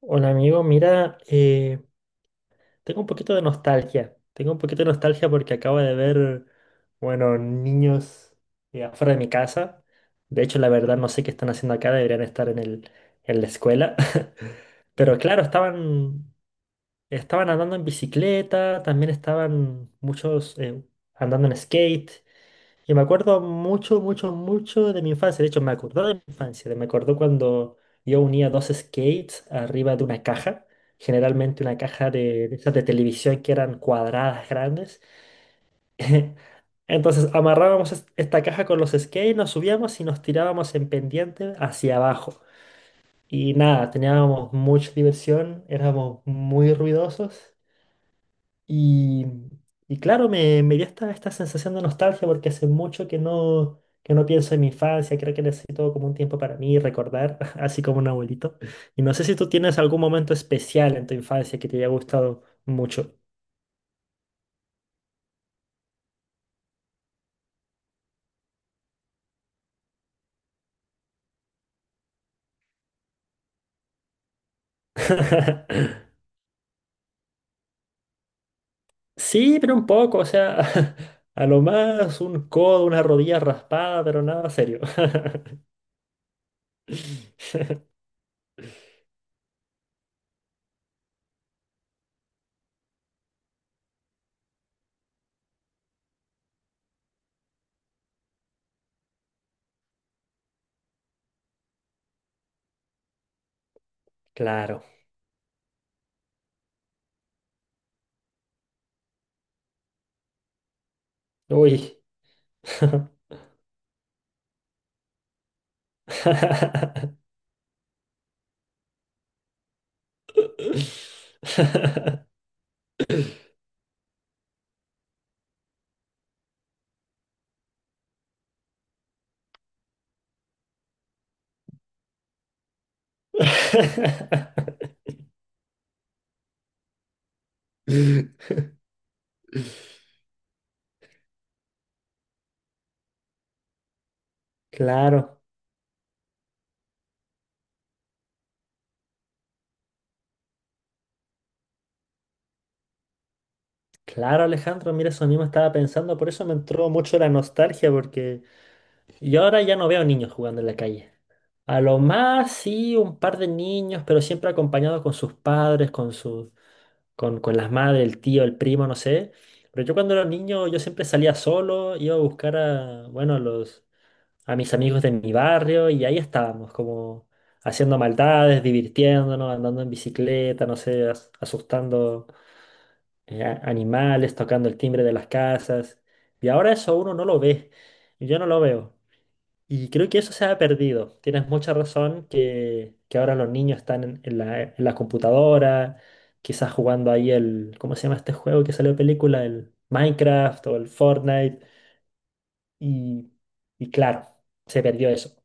Hola amigo, mira, tengo un poquito de nostalgia. Tengo un poquito de nostalgia porque acabo de ver, bueno, niños afuera de mi casa. De hecho, la verdad no sé qué están haciendo acá, deberían estar en la escuela. Pero claro, estaban andando en bicicleta, también estaban muchos andando en skate. Y me acuerdo mucho, mucho, mucho de mi infancia. De hecho, me acordó de mi infancia. Me acordó cuando yo unía dos skates arriba de una caja. Generalmente una caja de esas de televisión que eran cuadradas grandes. Entonces amarrábamos esta caja con los skates, nos subíamos y nos tirábamos en pendiente hacia abajo. Y nada, teníamos mucha diversión, éramos muy ruidosos. Y, y claro, me dio esta sensación de nostalgia porque hace mucho que no pienso en mi infancia, creo que necesito como un tiempo para mí, recordar, así como un abuelito. Y no sé si tú tienes algún momento especial en tu infancia que te haya gustado mucho. Sí, pero un poco, o sea, a lo más un codo, una rodilla raspada, pero nada serio. Claro. Uy. Claro, claro Alejandro, mira, eso mismo estaba pensando, por eso me entró mucho la nostalgia, porque yo ahora ya no veo niños jugando en la calle. A lo más sí un par de niños, pero siempre acompañados con sus padres, con las madres, el tío, el primo, no sé. Pero yo cuando era niño yo siempre salía solo, iba a buscar a, bueno, a mis amigos de mi barrio y ahí estábamos, como haciendo maldades, divirtiéndonos, andando en bicicleta, no sé, asustando. Animales tocando el timbre de las casas. Y ahora eso uno no lo ve. Yo no lo veo. Y creo que eso se ha perdido. Tienes mucha razón que ahora los niños están en la computadora, quizás jugando ahí el, ¿cómo se llama este juego que salió de película? ¿El Minecraft o el Fortnite? Y, y claro, se perdió eso.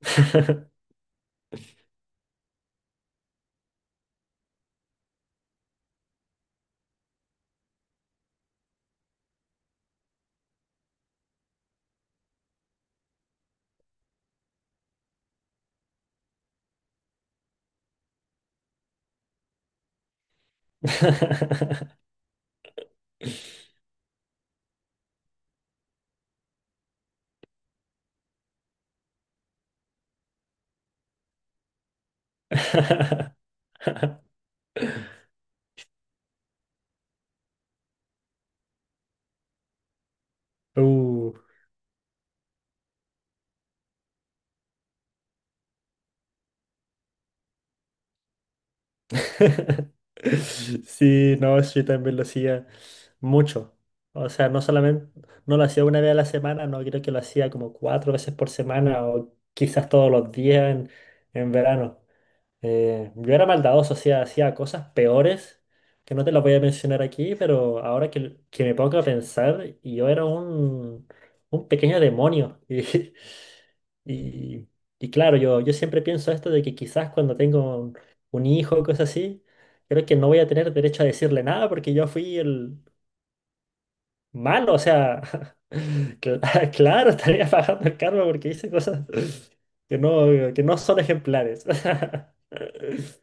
Uh. Sí, no, eso yo también lo hacía mucho. O sea, no solamente, no lo hacía una vez a la semana, no, creo que lo hacía como cuatro veces por semana o quizás todos los días en verano. Yo era maldadoso, hacía cosas peores que no te las voy a mencionar aquí, pero ahora que me pongo a pensar, yo era un pequeño demonio. Y, y, y claro, yo siempre pienso esto de que quizás cuando tengo un hijo o cosas así, creo que no voy a tener derecho a decirle nada porque yo fui el malo, o sea, claro, estaría pagando el karma porque hice cosas que no son ejemplares.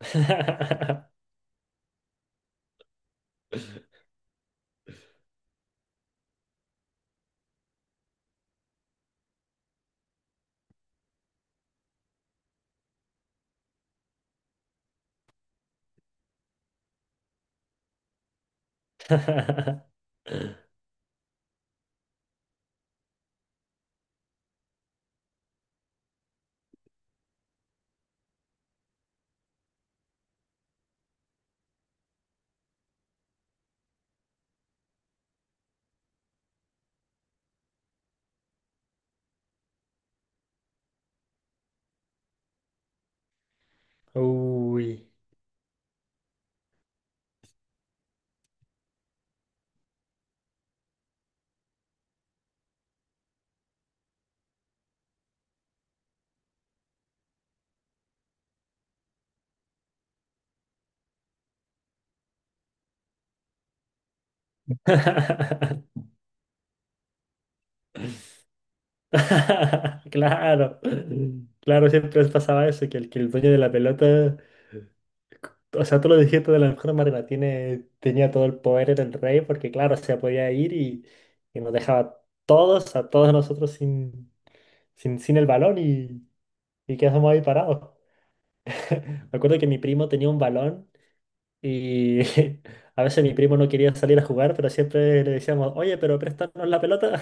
Uy. Claro, claro, siempre les pasaba eso, que el dueño de la pelota, o sea, tú lo dijiste de la mejor manera, tenía todo el poder, era el rey, porque claro, se podía ir y nos dejaba todos, a todos nosotros sin el balón y quedamos ahí parados. Me acuerdo que mi primo tenía un balón y a veces mi primo no quería salir a jugar, pero siempre le decíamos, oye, pero préstanos la pelota.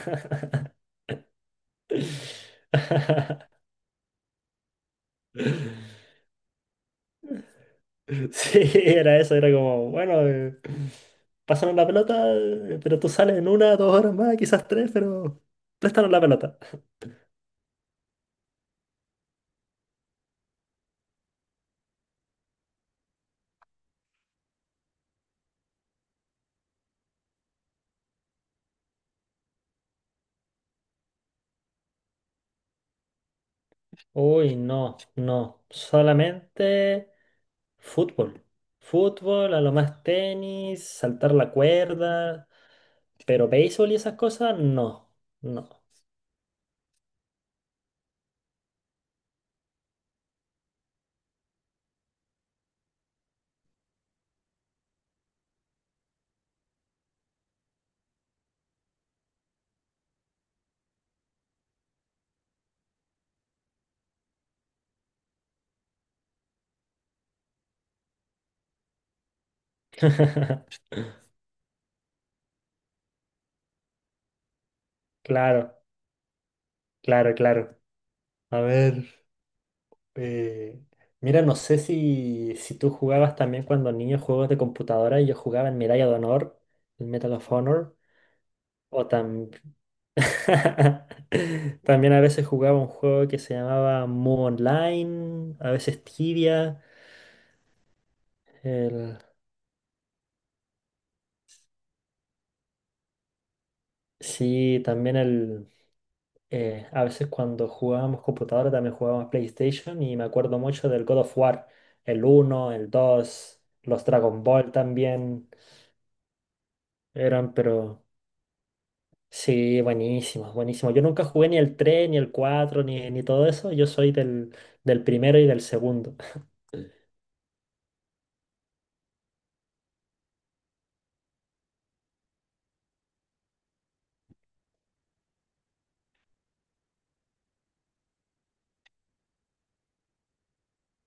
Sí, era eso, era como, bueno, pásanos la pelota, pero tú sales en una, dos horas más, quizás tres, pero préstanos la pelota. Uy, no, no, solamente fútbol. Fútbol, a lo más tenis, saltar la cuerda, pero béisbol y esas cosas, no, no. Claro, claro, claro. A ver. Eh, mira, no sé si, si tú jugabas también cuando niño juegos de computadora. Yo jugaba en Medalla de Honor, el Medal of Honor, o también a veces jugaba un juego que se llamaba Mu Online, a veces Tibia. el- Sí, también el... a veces cuando jugábamos computadora también jugábamos PlayStation y me acuerdo mucho del God of War, el uno el 2 los Dragon Ball también eran, pero... Sí, buenísimo, buenísimo. Yo nunca jugué ni el 3 ni el 4 ni, ni todo eso. Yo soy del, del primero y del segundo.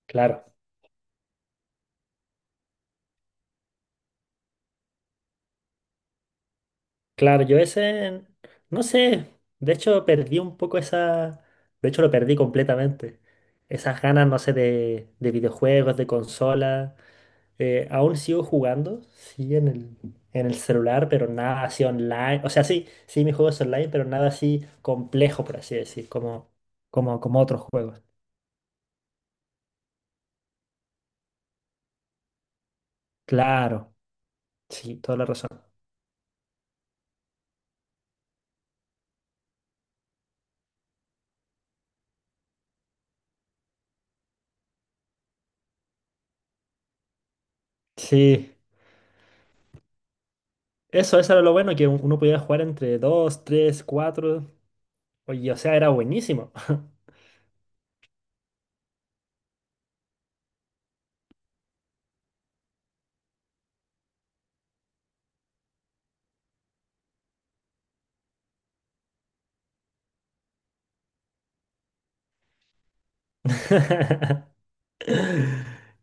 Claro, claro, yo ese, no sé, de hecho perdí un poco esa, de hecho lo perdí completamente. Esas ganas, no sé, de videojuegos, de consola. Aún sigo jugando, sí, en el celular, pero nada así online. O sea, sí, sí, mis juegos online, pero nada así complejo, por así decir, como otros juegos. Claro. Sí, toda la razón. Sí, eso era lo bueno, que uno podía jugar entre dos, tres, cuatro. Oye, o sea, era buenísimo.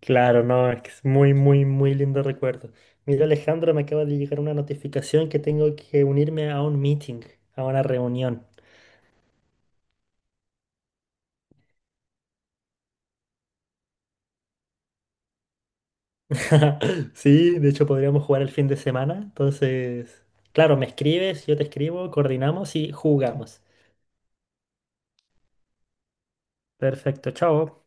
Claro, no, es que es muy, muy, muy lindo recuerdo. Mira, Alejandro, me acaba de llegar una notificación que tengo que unirme a un meeting, a una reunión. Sí, de hecho podríamos jugar el fin de semana. Entonces, claro, me escribes, yo te escribo, coordinamos y jugamos. Perfecto, chao.